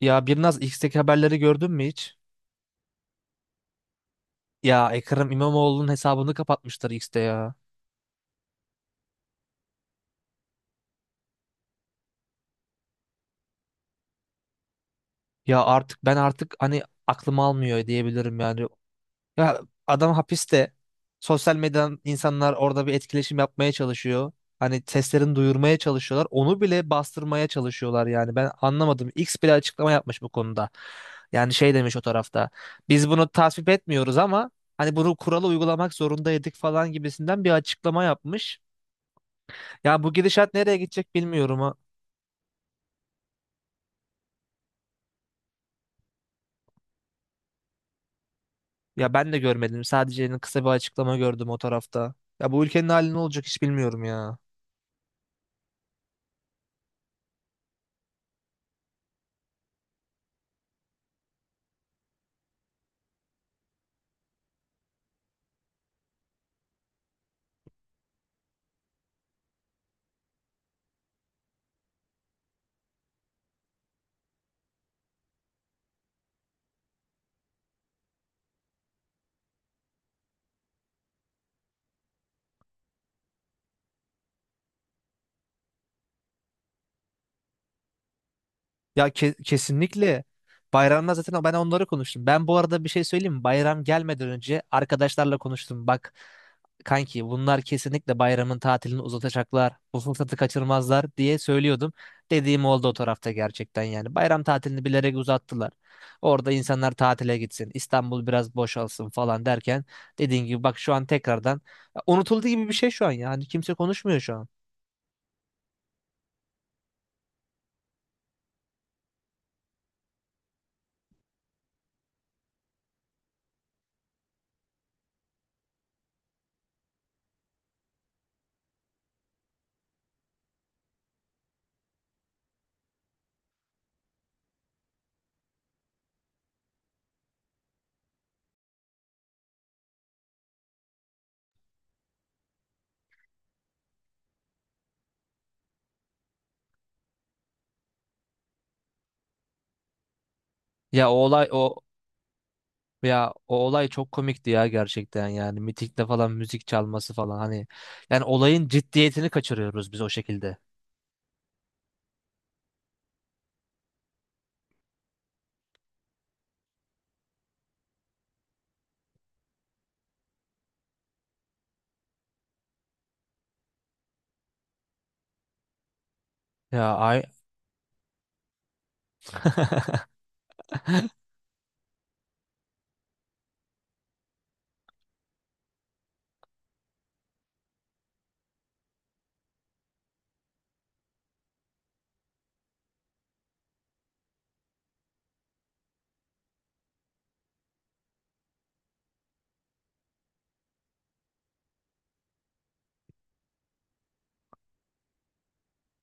Ya Birnaz X'teki haberleri gördün mü hiç? Ya Ekrem İmamoğlu'nun hesabını kapatmışlar X'te ya. Ya artık ben hani aklım almıyor diyebilirim yani. Ya adam hapiste. Sosyal medyadan insanlar orada bir etkileşim yapmaya çalışıyor. Hani seslerini duyurmaya çalışıyorlar. Onu bile bastırmaya çalışıyorlar yani. Ben anlamadım. X bile açıklama yapmış bu konuda. Yani şey demiş o tarafta. Biz bunu tasvip etmiyoruz ama hani bunu kuralı uygulamak zorundaydık falan gibisinden bir açıklama yapmış. Ya bu gidişat nereye gidecek bilmiyorum ha. Ya ben de görmedim. Sadece kısa bir açıklama gördüm o tarafta. Ya bu ülkenin hali ne olacak hiç bilmiyorum ya. Ya kesinlikle. Bayramda zaten ben onları konuştum. Ben bu arada bir şey söyleyeyim mi? Bayram gelmeden önce arkadaşlarla konuştum. Bak kanki bunlar kesinlikle bayramın tatilini uzatacaklar. Bu fırsatı kaçırmazlar diye söylüyordum. Dediğim oldu o tarafta gerçekten yani. Bayram tatilini bilerek uzattılar. Orada insanlar tatile gitsin. İstanbul biraz boşalsın falan derken dediğin gibi bak şu an tekrardan unutulduğu gibi bir şey şu an yani kimse konuşmuyor şu an. Ya o olay o Ya o olay çok komikti ya gerçekten yani mitikte falan müzik çalması falan hani yani olayın ciddiyetini kaçırıyoruz biz o şekilde. Ya ay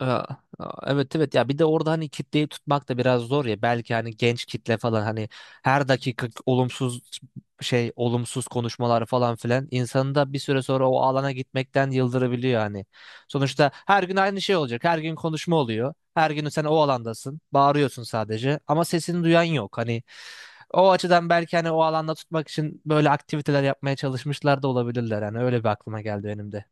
ya, evet evet ya bir de orada hani kitleyi tutmak da biraz zor ya belki hani genç kitle falan hani her dakika olumsuz olumsuz konuşmalar falan filan insanı da bir süre sonra o alana gitmekten yıldırabiliyor hani. Sonuçta her gün aynı şey olacak, her gün konuşma oluyor, her gün sen o alandasın bağırıyorsun sadece ama sesini duyan yok hani. O açıdan belki hani o alanda tutmak için böyle aktiviteler yapmaya çalışmışlar da olabilirler. Yani öyle bir aklıma geldi benim de.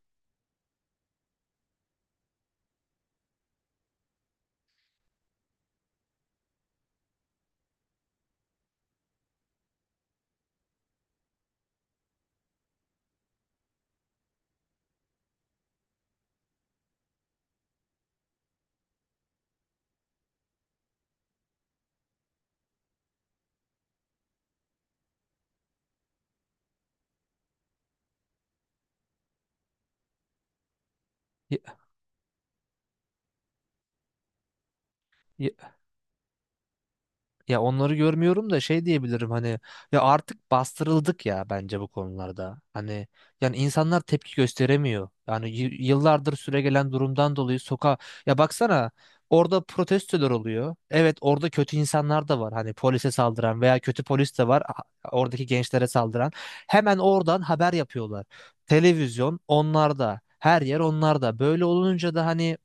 Ya onları görmüyorum da şey diyebilirim hani ya artık bastırıldık ya bence bu konularda. Hani yani insanlar tepki gösteremiyor. Yani yıllardır süregelen durumdan dolayı sokağa ya baksana orada protestolar oluyor. Evet orada kötü insanlar da var. Hani polise saldıran veya kötü polis de var, oradaki gençlere saldıran. Hemen oradan haber yapıyorlar. Televizyon onlarda. Her yer onlarda. Böyle olunca da hani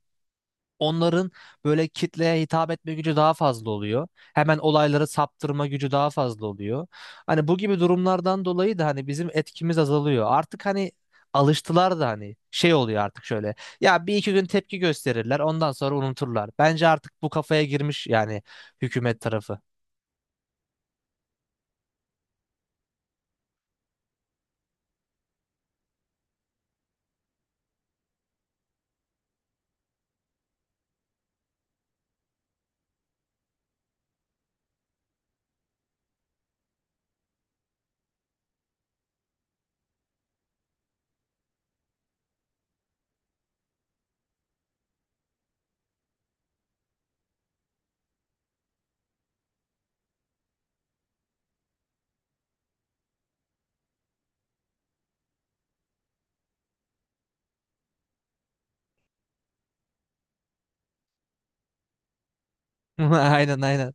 onların böyle kitleye hitap etme gücü daha fazla oluyor. Hemen olayları saptırma gücü daha fazla oluyor. Hani bu gibi durumlardan dolayı da hani bizim etkimiz azalıyor. Artık hani alıştılar da hani şey oluyor artık şöyle. Ya bir iki gün tepki gösterirler, ondan sonra unuturlar. Bence artık bu kafaya girmiş yani hükümet tarafı. Aynen aynen.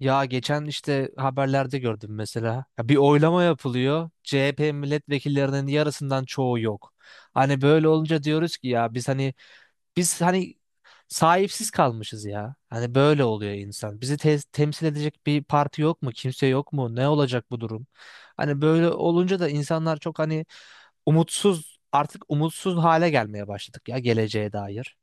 Ya geçen işte haberlerde gördüm mesela. Ya bir oylama yapılıyor. CHP milletvekillerinin yarısından çoğu yok. Hani böyle olunca diyoruz ki ya biz hani sahipsiz kalmışız ya. Hani böyle oluyor insan. Bizi temsil edecek bir parti yok mu? Kimse yok mu? Ne olacak bu durum? Hani böyle olunca da insanlar çok hani umutsuz, artık umutsuz hale gelmeye başladık ya geleceğe dair.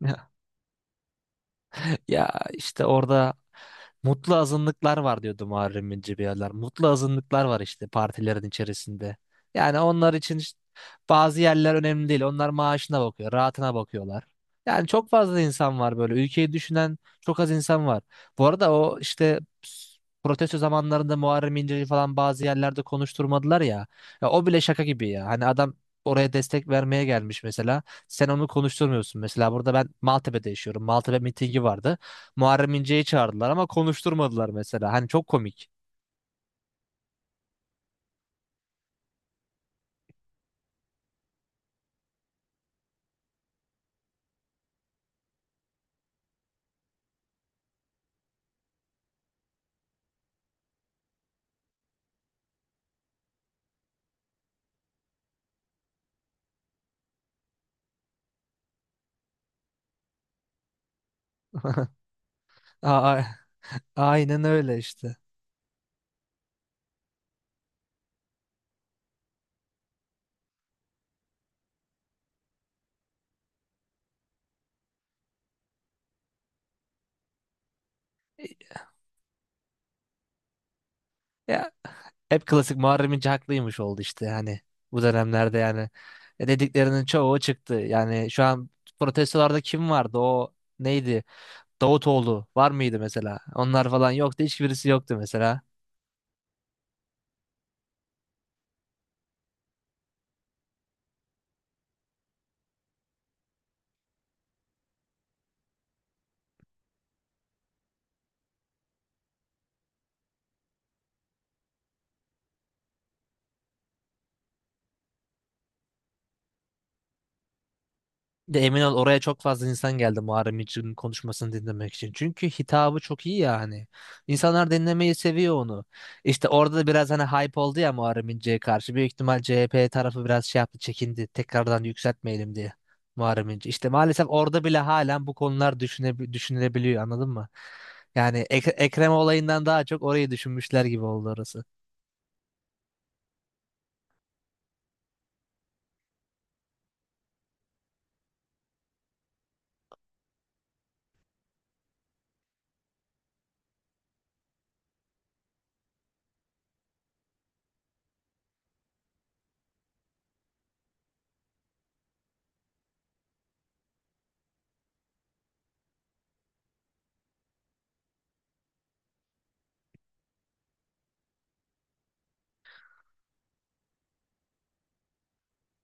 Ya işte orada mutlu azınlıklar var diyordu Muharrem İnce bir yerler. Mutlu azınlıklar var işte partilerin içerisinde. Yani onlar için işte bazı yerler önemli değil. Onlar maaşına bakıyor, rahatına bakıyorlar. Yani çok fazla insan var böyle. Ülkeyi düşünen çok az insan var. Bu arada o işte protesto zamanlarında Muharrem İnce'yi falan bazı yerlerde konuşturmadılar ya. Ya o bile şaka gibi ya. Hani adam oraya destek vermeye gelmiş mesela. Sen onu konuşturmuyorsun. Mesela burada ben Maltepe'de yaşıyorum. Maltepe mitingi vardı. Muharrem İnce'yi çağırdılar ama konuşturmadılar mesela. Hani çok komik. Aa, aynen öyle işte. Ya hep klasik Muharrem İnce haklıymış oldu işte hani bu dönemlerde yani. Dediklerinin çoğu çıktı. Yani şu an protestolarda kim vardı? O neydi? Davutoğlu var mıydı mesela? Onlar falan yoktu. Hiçbirisi yoktu mesela. De emin ol oraya çok fazla insan geldi Muharrem İnce'nin konuşmasını dinlemek için. Çünkü hitabı çok iyi yani. İnsanlar dinlemeyi seviyor onu. İşte orada da biraz hani hype oldu ya Muharrem İnce'ye karşı. Büyük ihtimal CHP tarafı biraz şey yaptı, çekindi. Tekrardan yükseltmeyelim diye Muharrem İnce. İşte maalesef orada bile halen bu konular düşünülebiliyor, anladın mı? Yani Ekrem olayından daha çok orayı düşünmüşler gibi oldu orası.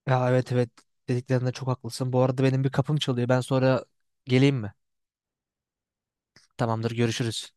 Ya evet evet dediklerinde çok haklısın. Bu arada benim bir kapım çalıyor. Ben sonra geleyim mi? Tamamdır, görüşürüz.